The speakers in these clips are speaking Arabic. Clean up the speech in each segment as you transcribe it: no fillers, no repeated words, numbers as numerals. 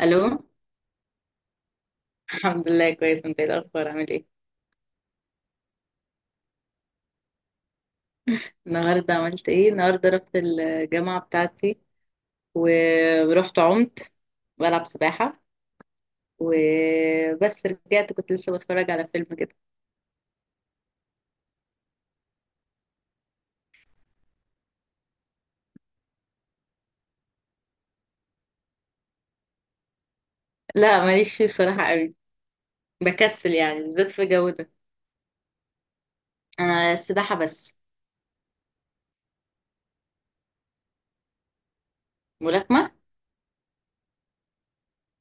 الو. الحمد لله كويس، انت ايه الاخبار؟ عامل ايه؟ النهارده عملت ايه؟ النهارده رحت الجامعه بتاعتي، ورحت عمت بلعب سباحه. وبس رجعت كنت لسه بتفرج على فيلم كده. لا، ماليش فيه بصراحه قوي. بكسل يعني بالذات في الجو ده. انا السباحه بس. ملاكمه؟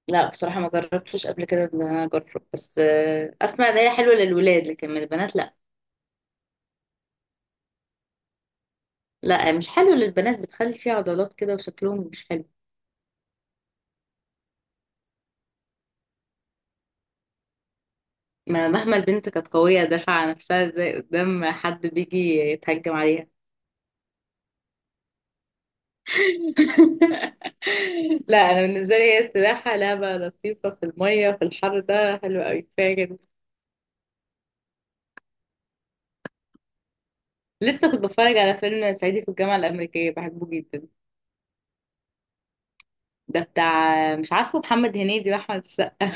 لا بصراحه، ما جربتش قبل كده ان انا اجرب، بس اسمع ان هي حلوه للولاد لكن من البنات لا. لا، مش حلوه للبنات، بتخلي فيه عضلات كده وشكلهم مش حلو. ما مهما البنت كانت قوية دافعة عن نفسها، ازاي قدام حد بيجي يتهجم عليها؟ لا أنا بالنسبة لي هي السباحة لعبة لطيفة في المية، في الحر ده حلو أوي، كفاية كده. لسه كنت بتفرج على فيلم صعيدي في الجامعة الأمريكية، بحبه جدا. ده بتاع مش عارفه، محمد هنيدي وأحمد السقا.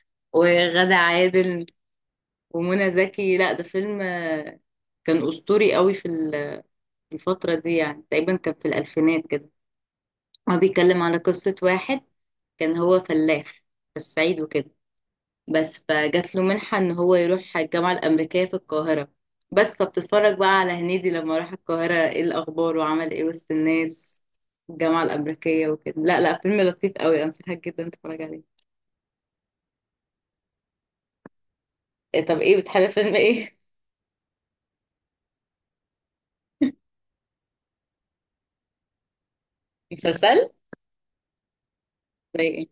وغادة عادل ومنى زكي. لا ده فيلم، كان أسطوري قوي في الفترة دي، يعني تقريبا كان في الألفينات كده. هو بيتكلم على قصة واحد، كان هو فلاح في الصعيد وكده. بس فجات له منحة ان هو يروح الجامعة الأمريكية في القاهرة. بس فبتتفرج بقى على هنيدي لما راح القاهرة، ايه الأخبار وعمل ايه وسط الناس في الجامعة الأمريكية وكده. لا لا، فيلم لطيف قوي، أنصحك جدا تتفرج عليه. إيه؟ طب ايه بتحب، فيلم ايه؟ مسلسل؟ زي ايه؟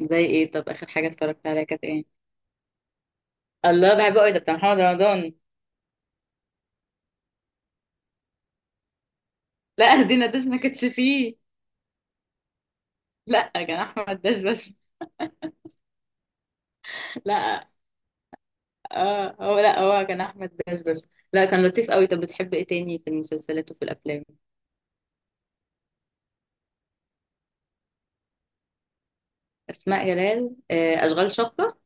زي ايه؟ طب آخر حاجة اتفرجت عليها كانت ايه؟ الله، بحبه قوي ده، بتاع محمد رمضان. لا دينا داش ما كانتش فيه. لا كان أحمد داش بس. لا، اه، هو لا، هو كان احمد داش بس، لا كان لطيف قوي. طب بتحب ايه تاني في المسلسلات وفي الافلام؟ اسماء جلال، اشغال شقه.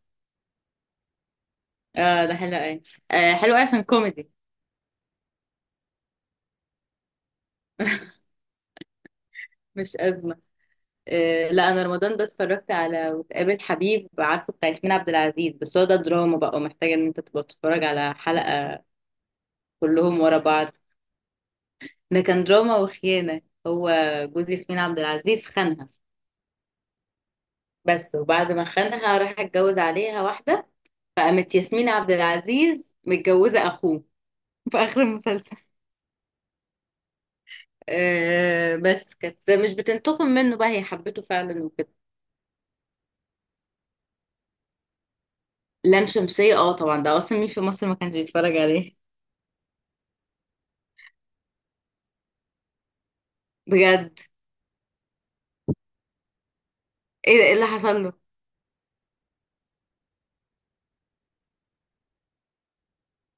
اه ده حلو قوي. آه حلو قوي عشان كوميدي. مش ازمه. آه لا انا رمضان ده اتفرجت على وتقابل حبيب عارفه، بتاع ياسمين عبد العزيز، بس هو ده دراما بقى ومحتاجه ان انت تبقى تتفرج على حلقه. كلهم ورا بعض. ده كان دراما وخيانه، هو جوز ياسمين عبد العزيز خانها. بس وبعد ما خانها راح اتجوز عليها واحده. فقامت ياسمين عبد العزيز متجوزة أخوه في آخر المسلسل. آه بس كانت مش بتنتقم منه بقى، هي حبته فعلا وكده. لام شمسية، اه طبعا، ده أصلا مين في مصر ما كانش بيتفرج عليه؟ بجد. ايه ده؟ ايه اللي حصل له؟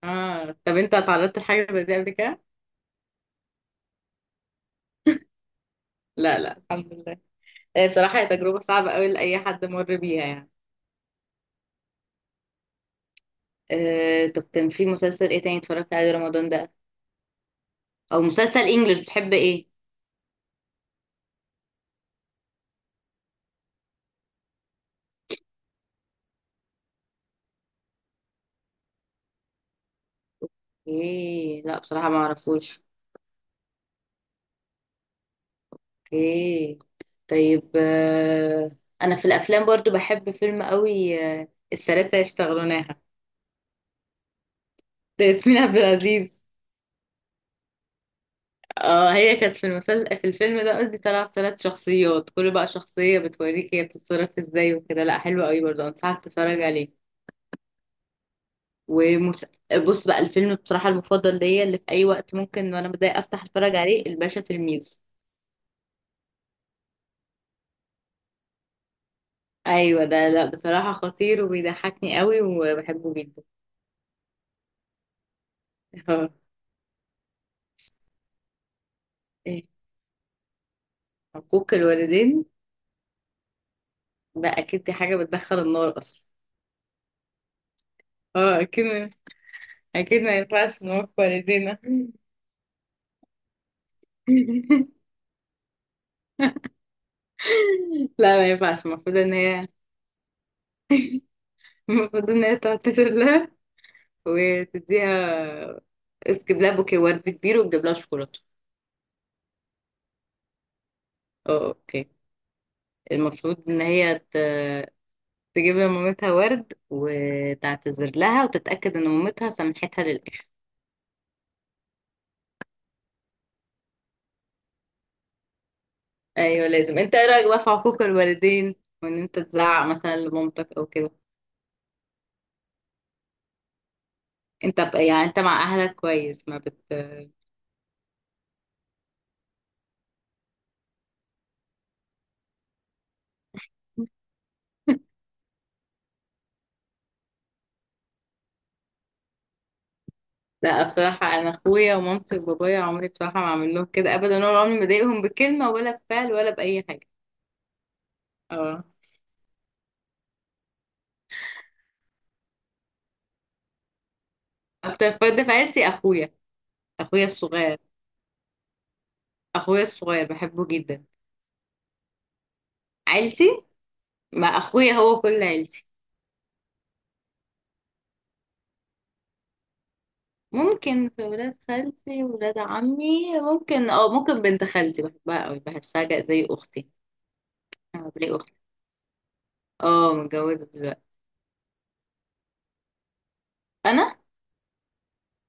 اه طب انت اتعرضت لحاجة زي دي قبل كده؟ لا لا، الحمد لله. آه بصراحة هي تجربة صعبة قوي لأي حد مر بيها يعني. آه طب كان في مسلسل ايه تاني اتفرجت عليه رمضان ده؟ أو مسلسل انجلش؟ بتحب ايه؟ ايه؟ لا بصراحة ما اعرفوش. اوكي. طيب، انا في الافلام برضو بحب فيلم قوي، الثلاثه يشتغلونها. ده ياسمين عبد العزيز. اه هي كانت في المسلسل، في الفيلم ده قصدي، طالعه في ثلاث شخصيات، كل بقى شخصيه بتوريك هي بتتصرف ازاي وكده، لا حلو قوي برضو، انصحك تتفرج عليه. ومس... بص بقى، الفيلم بصراحه المفضل ليا اللي في اي وقت ممكن وانا متضايقه افتح اتفرج عليه، الباشا تلميذ. ايوه ده، لا بصراحه خطير وبيضحكني قوي وبحبه جدا. آه، إيه، حقوق الوالدين. ده اكيد، دي حاجة بتدخل النار اصلا. اه اكيد. اكيد ما ينفعش نوقف والدينا. لا ما ينفعش، المفروض ان هي تعتذر لها، وتديها، تجيب لها بوكيه ورد كبير وتجيب لها شوكولاته. اه اوكي. المفروض ان هي ت... تجيب لمامتها ورد وتعتذر لها وتتأكد ان مامتها سامحتها للآخر. ايوه لازم. انت ايه رأيك بقى في حقوق الوالدين، وان انت تزعق مثلا لمامتك او كده؟ يعني انت مع اهلك كويس، ما بت لا بصراحة، أنا أخويا ومامتي وبابايا عمري بصراحة ما أعمل لهم كده أبدا، ولا عمري ما أضايقهم بكلمة ولا بفعل ولا بأي حاجة. اه. أكتر فرد في عيلتي أخويا. أخويا الصغير. أخويا الصغير بحبه جدا. عيلتي. مع أخويا هو كل عيلتي. ممكن، في ولاد خالتي ولاد عمي، ممكن اه، ممكن بنت خالتي بحبها أوي، بحسها زي أختي. زي أختي. اه متجوزة دلوقتي. أنا؟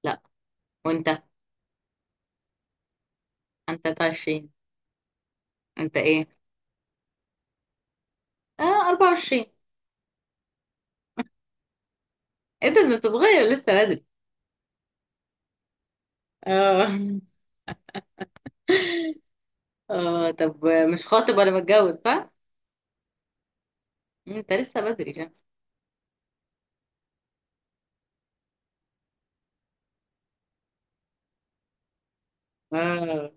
لأ. وأنت؟ أنت 23. أنت إيه؟ 24. أنت صغير لسه بدري. اه. اه طب مش خاطب ولا متجوز صح؟ انت لسه بدري يعني. اه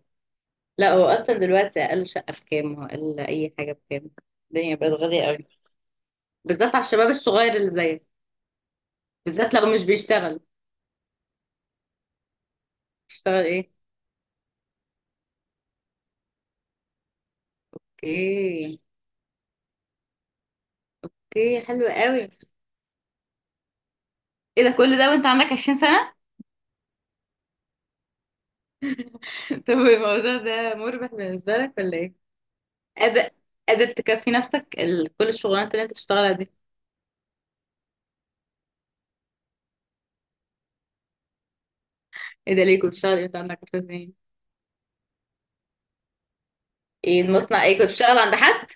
لا، هو اصلا دلوقتي، اقل شقة بكام واقل اي حاجة بكام؟ الدنيا بقت غالية قوي. بالذات على الشباب الصغير اللي زيك. بالذات لو مش بيشتغل. بيشتغل ايه؟ اوكي. اوكي حلو قوي. ايه ده؟ كل ده وانت عندك 20 سنة؟ طب الموضوع ده مربح بالنسبة لك ولا ايه؟ قادر قادر تكفي نفسك كل الشغلانات اللي انت بتشتغلها دي؟ ايه ده؟ ليه كنت بتشتغل ايه وانت عندك 20 سنة؟ ايه المصنع؟ ايه كنت بتشتغل عند حد؟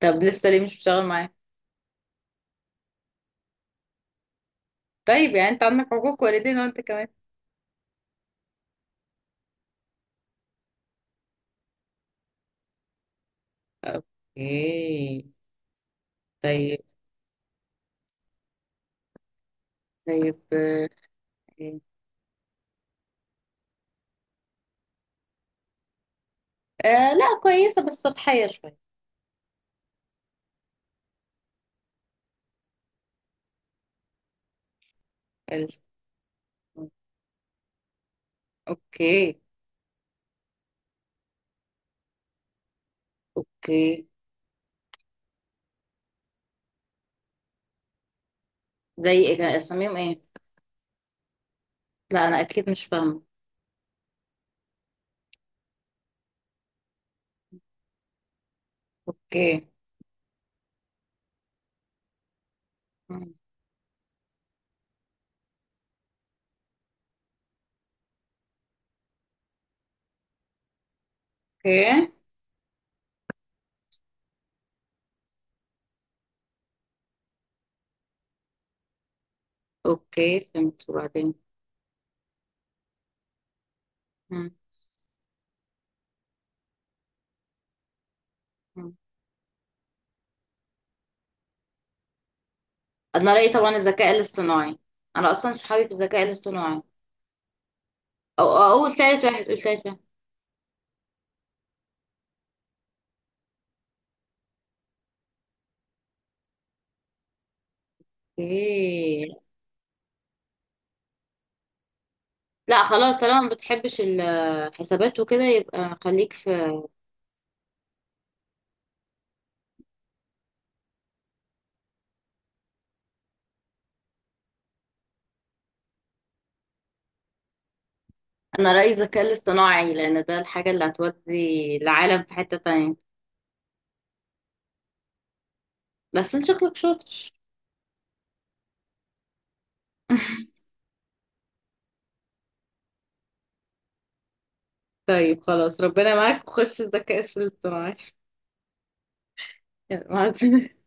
طب لسه ليه مش بتشتغل معاه؟ طيب يعني انت عندك حقوق والدين وانت كمان. اوكي. طيب. طيب، لا كويسة بس سطحية شوية. ال- اوكي. اوكي. زي ايه؟ كان اساميهم ايه؟ لا انا اكيد مش فاهمة. اوكي. اوكي. اوكي فهمت، وبعدين؟ مم. مم. انا رأيي طبعا الذكاء الاصطناعي. انا اصلا صحابي في الذكاء الاصطناعي. او اول ثالث واحد، اول ثالث واحد. اوكي. لا خلاص، طالما ما بتحبش الحسابات وكده، يبقى خليك في. انا رأيي الذكاء الاصطناعي لان ده الحاجة اللي هتودي العالم في حتة تانية. بس انت شكلك شاطر. طيب خلاص، ربنا معاك وخش الذكاء الاصطناعي. يلا، مع السلامة.